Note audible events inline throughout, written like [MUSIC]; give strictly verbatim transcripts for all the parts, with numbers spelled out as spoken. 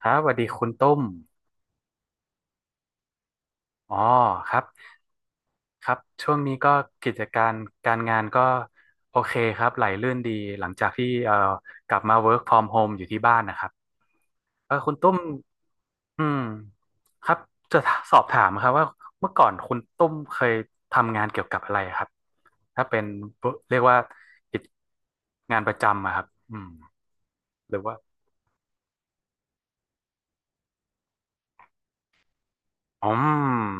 ครับสวัสดีคุณตุ้ม อ๋อครับครับช่วงนี้ก็กิจการการงานก็โอเคครับไหลลื่นดีหลังจากที่เอ่อกลับมา work from home อยู่ที่บ้านนะครับเออคุณตุ้มอืมครับจะสอบถามครับว่าเมื่อก่อนคุณตุ้มเคยทำงานเกี่ยวกับอะไรครับถ้าเป็นเรียกว่ากิจงานประจำอะครับอืมหรือว่าอ๋อ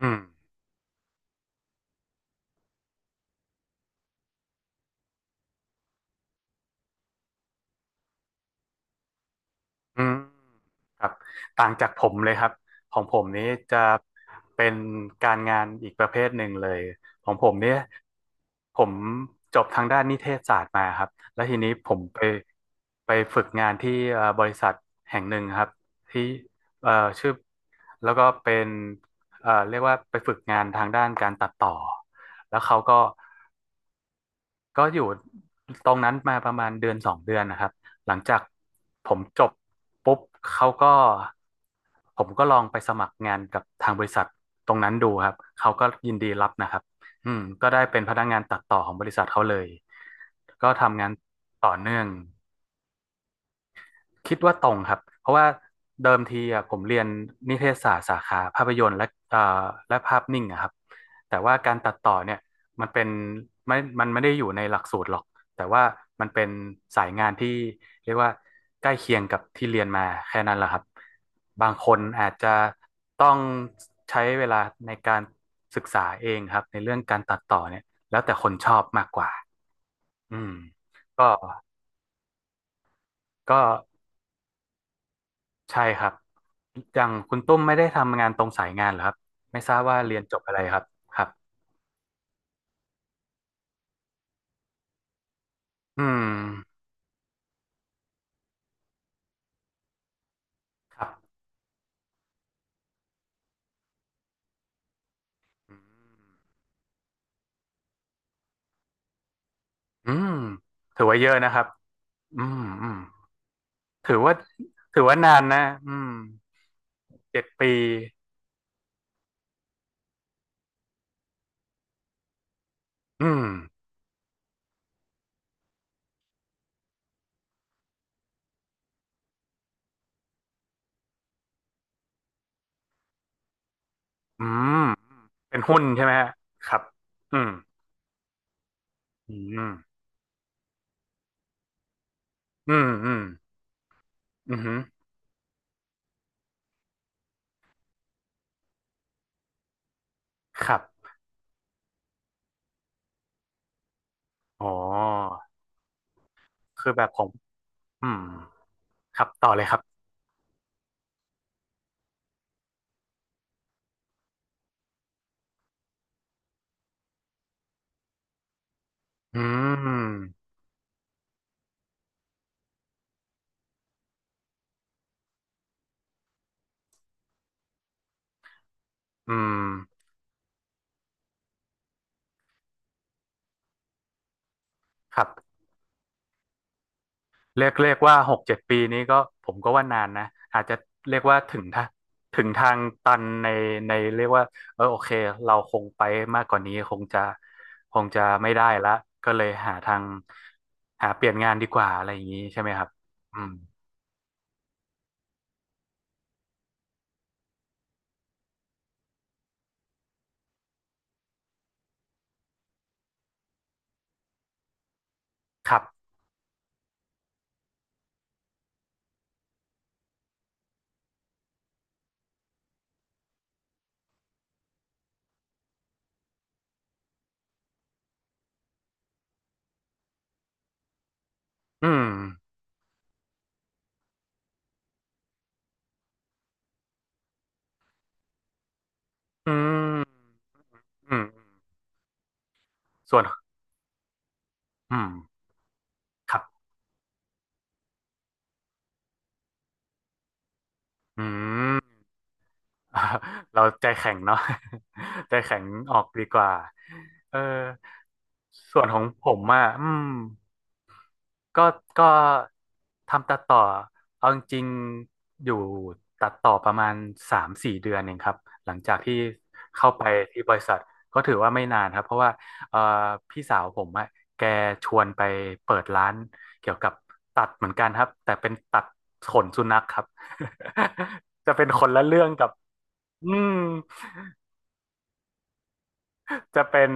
อืม อืมครับต่างจากผมเลยครับของผมนี้จะเป็นการงานอีกประเภทหนึ่งเลยของผมเนี่ยผมจบทางด้านนิเทศศาสตร์มาครับแล้วทีนี้ผมไปไปฝึกงานที่เอ่อบริษัทแห่งหนึ่งครับที่เอ่อชื่อแล้วก็เป็นเอ่อเรียกว่าไปฝึกงานทางด้านการตัดต่อแล้วเขาก็ ก็อยู่ตรงนั้นมาประมาณเดือนสองเดือนนะครับหลังจากผมจบปุ๊บเขาก็ผมก็ลองไปสมัครงานกับทางบริษัทตรงนั้นดูครับเขาก็ยินดีรับนะครับอืมก็ได้เป็นพนักงานตัดต่อของบริษัทเขาเลยก็ทำงานต่อเนื่อง คิดว่าตรงครับเพราะว่าเดิมทีอะผมเรียนนิเทศศาสตร์สาขาภาพยนตร์และเอ่อและภาพนิ่งอะครับแต่ว่าการตัดต่อเนี่ยมันเป็นไม่มันไม่ได้อยู่ในหลักสูตรหรอกแต่ว่ามันเป็นสายงานที่เรียกว่าใกล้เคียงกับที่เรียนมาแค่นั้นแหละครับบางคนอาจจะต้องใช้เวลาในการศึกษาเองครับในเรื่องการตัดต่อเนี่ยแล้วแต่คนชอบมากกว่าอืมก็ก็ ใช่ครับอย่างคุณตุ้มไม่ได้ทำงานตรงสายงานเหรอครับไม่ทราบว่าเรียนจบอะไรครับครับอืมครับอืมถือว่าเยอะนะครับอืมอืมถือว่าถือว่านานนะอืมเจ็ดปีอืมอืมเป็นหุ้นใช่ไหมฮะครับอืมอืมอืมอืมอืมครับอ๋อคือแบบผมอืมครับต่อเลยครับอืมอืมครับ เรียกเรียกว่าหกเจ็ดปีนี้ก็ผมก็ว่านานนะอาจจะเรียกว่าถึงทาถึงทางตันในในเรียกว่าเออโอเคเราคงไปมากกว่านี้คงจะคงจะไม่ได้ละก็เลยหาทางหาเปลี่ยนงานดีกว่าอะไรอย่างนี้ใช่ไหมครับอืมครับอืมอืมอืมส่วนอืมครับอืม [LAUGHS] เราใจแข็งเนาะ [LAUGHS] ใจแข็งออกดีกว่าเออส่วนของผมอ่ะอืม ก็ก็ทำตัดต่อเอาจริงๆอยู่ตัดต่อประมาณสามสี่เดือนเองครับหลังจากที่เข้าไปที่บริษัทก็ถือว่าไม่นานครับเพราะว่าเอ่อพี่สาวผมอะแกชวนไปเปิดร้านเกี่ยวกับตัดเหมือนกันครับแต่เป็นตัดขนสุนัขครับ [LAUGHS] จะเป็นคนละเรื่องกับอืม จะเป็น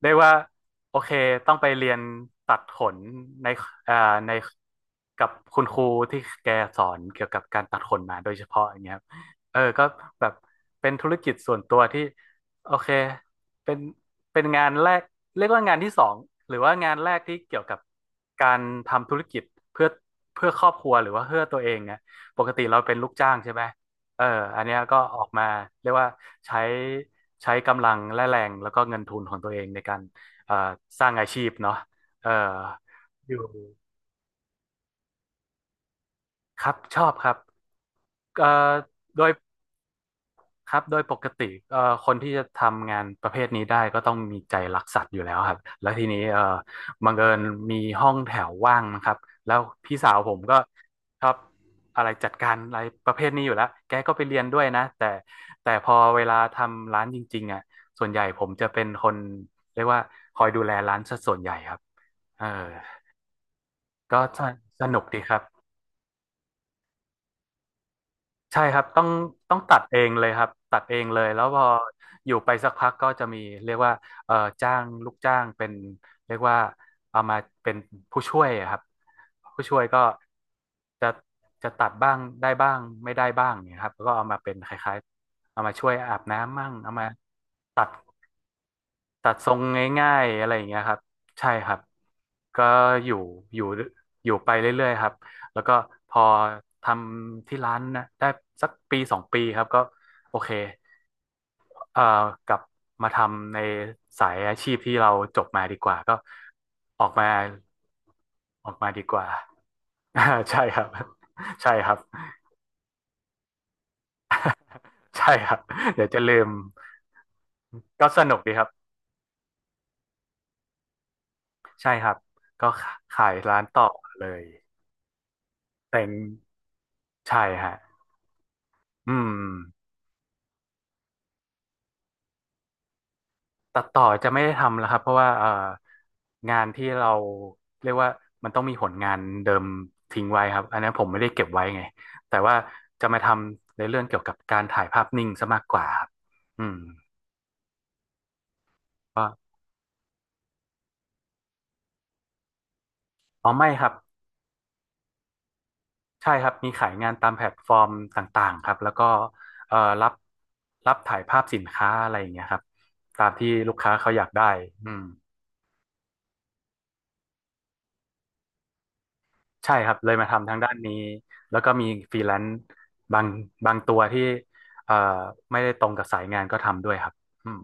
เรียกว่าโอเคต้องไปเรียนตัดขนในเอ่อในกับคุณครูที่แกสอนเกี่ยวกับการตัดขนมาโดยเฉพาะอย่างเงี้ยครับเออก็แบบเป็นธุรกิจส่วนตัวที่โอเคเป็นเป็นงานแรกเรียกว่างานที่สองหรือว่างานแรกที่เกี่ยวกับการทำธุรกิจเพื่อเพื่อครอบครัวหรือว่าเพื่อตัวเองอะปกติเราเป็นลูกจ้างใช่ไหม เอออันเนี้ยก็ออกมาเรียกว่าใช้ใช้กำลังและแรงแล้วก็เงินทุนของตัวเองในการเอ่อสร้างอาชีพเนาะเอออยู่ครับชอบครับเอ่อโดย ครับโดยปกติเอ่อคนที่จะทำงานประเภทนี้ได้ก็ต้องมีใจรักสัตว์อยู่แล้วครับแล้วทีนี้เอ่อบังเอิญมีห้องแถวว่างนะครับแล้วพี่สาวผมก็ชอบอะไรจัดการอะไรประเภทนี้อยู่แล้วแกก็ไปเรียนด้วยนะแต่แต่พอเวลาทำร้านจริงๆอ่ะส่วนใหญ่ผมจะเป็นคนเรียกว่าคอยดูแลร้านซะส่วนใหญ่ครับเออก็สนุกดีครับ ใช่ครับต้องต้องตัดเองเลยครับตัดเองเลยแล้วพออยู่ไปสักพักก็จะมีเรียกว่าเอ่อจ้างลูกจ้างเป็นเรียกว่าเอามาเป็นผู้ช่วยอะครับผู้ช่วยก็จะจะตัดบ้างได้บ้างไม่ได้บ้างเนี่ยครับแล้วก็เอามาเป็นคล้ายๆเอามาช่วยอาบน้ำมั่งเอามาตัด ตัดทรงง่ายๆอะไรอย่างเงี้ยครับใช่ครับก็อยู่อยู่อยู่ไปเรื่อยๆครับแล้วก็พอทำที่ร้านนะได้สักปีสองปีครับก็โอเคเอ่อกลับมาทำในสายอาชีพที่เราจบมาดีกว่าก็ออกมาออกมาดีกว่า [LAUGHS] อ่าใช่ครับใช่ครับใช่ครับเดี๋ยวจะลืมก็สนุกดีครับใช่ครับก็ขายร้านต่อเลยแต่งใช่ฮะ อืมตัดต่อจะไม่ได้ทำแล้วครับเพราะว่าเอ่องานที่เราเรียกว่ามันต้องมีผลงานเดิมทิ้งไว้ครับอันนี้นผมไม่ได้เก็บไว้ไงแต่ว่าจะมาทำในเรื่องเกี่ยวกับการถ่ายภาพนิ่งซะมากกว่าครับอืมก็อ๋อไม่ครับใช่ครับมีขายงานตามแพลตฟอร์มต่างๆครับแล้วก็เอ่อรับรับถ่ายภาพสินค้าอะไรอย่างเงี้ยครับตามที่ลูกค้าเขาอยากได้อืม ใช่ครับ เลยมาทำทางด้านนี้แล้วก็มีฟรีแลนซ์บางบางตัวที่เอ่อไม่ได้ตรงกับสายงานก็ทำด้วยครับอืม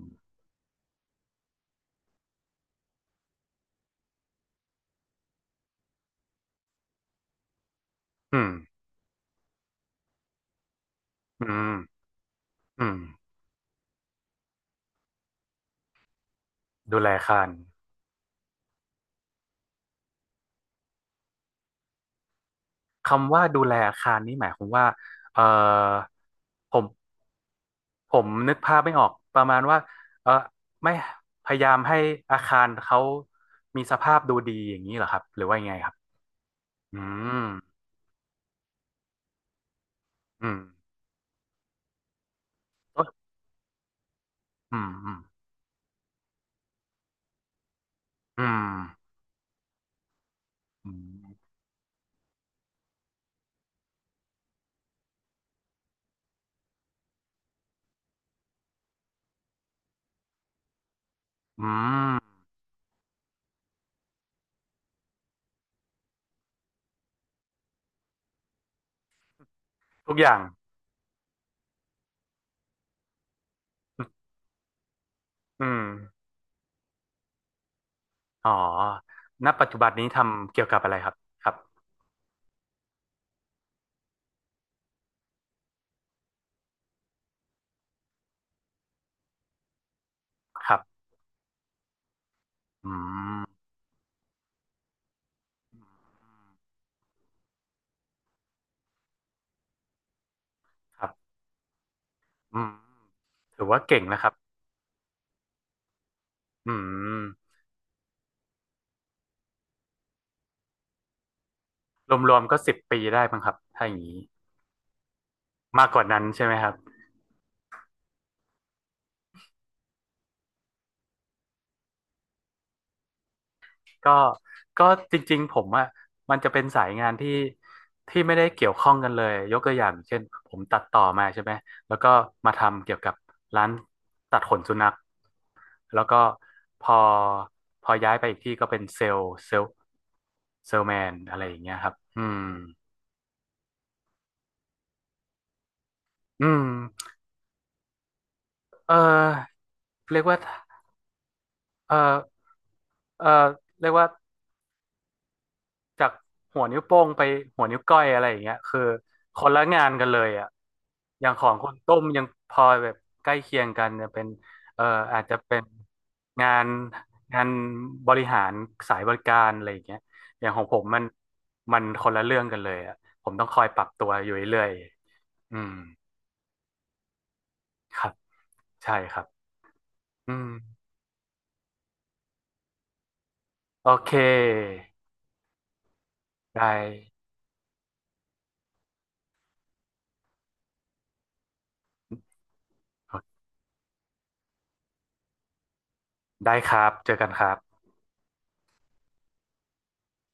อืมอืมอืมดูแลอาคารคำว่าดูแลอาคารนี่หมายความว่าเอ่อผมผมนึกภาพไม่ออกประมาณว่าเออไม่พยายามให้อาคารเขามีสภาพดูดีอย่างนี้เหรอครับหรือว่ายังไงครับอืมอืมอืมอืมอืมอืมอืมทุกอย่าง อืมอ๋อณปัจจุบันนี้ทำเกี่ยวกับอะไรครับ ครับครับอืมครับอืมถือว่าเก่งนะครับอืมรวมๆก็สิบปีได้มั้งครับ ถ้าอย่างนี้มากกว่านั้นใช่ไหมครับ ก็ก็จริงๆผมอ่ะมันจะเป็นสายงานที่ที่ไม่ได้เกี่ยวข้องกันเลยยกตัวอย่างเช่นผมตัดต่อมาใช่ไหมแล้วก็มาทำเกี่ยวกับร้านตัดขนสุนัขแล้วก็พอพอย้ายไปอีกที่ก็เป็นเซลล์เซลล์เซลแมนอะไรอย่างเงี้ยครับอืมอืมเออเรียกว่าเออเออเรียกว่า จากหัวนิ้วโป้งไปหัวนิ้วก้อยอะไรอย่างเงี้ยคือคนละงานกันเลยอ่ะอย่างของคนตุ้มยังพอแบบใกล้เคียงกันจะเป็นเอ่ออาจจะเป็นงานงานบริหารสายบริการอะไรอย่างเงี้ยอย่างของผมมันมันคนละเรื่องกันเลยอ่ะผมต้องคอยปรับตัวอยู่เรื่อยๆอืมครับใช่ครับอืมโอเคได้ได้ครับเจอกันครับ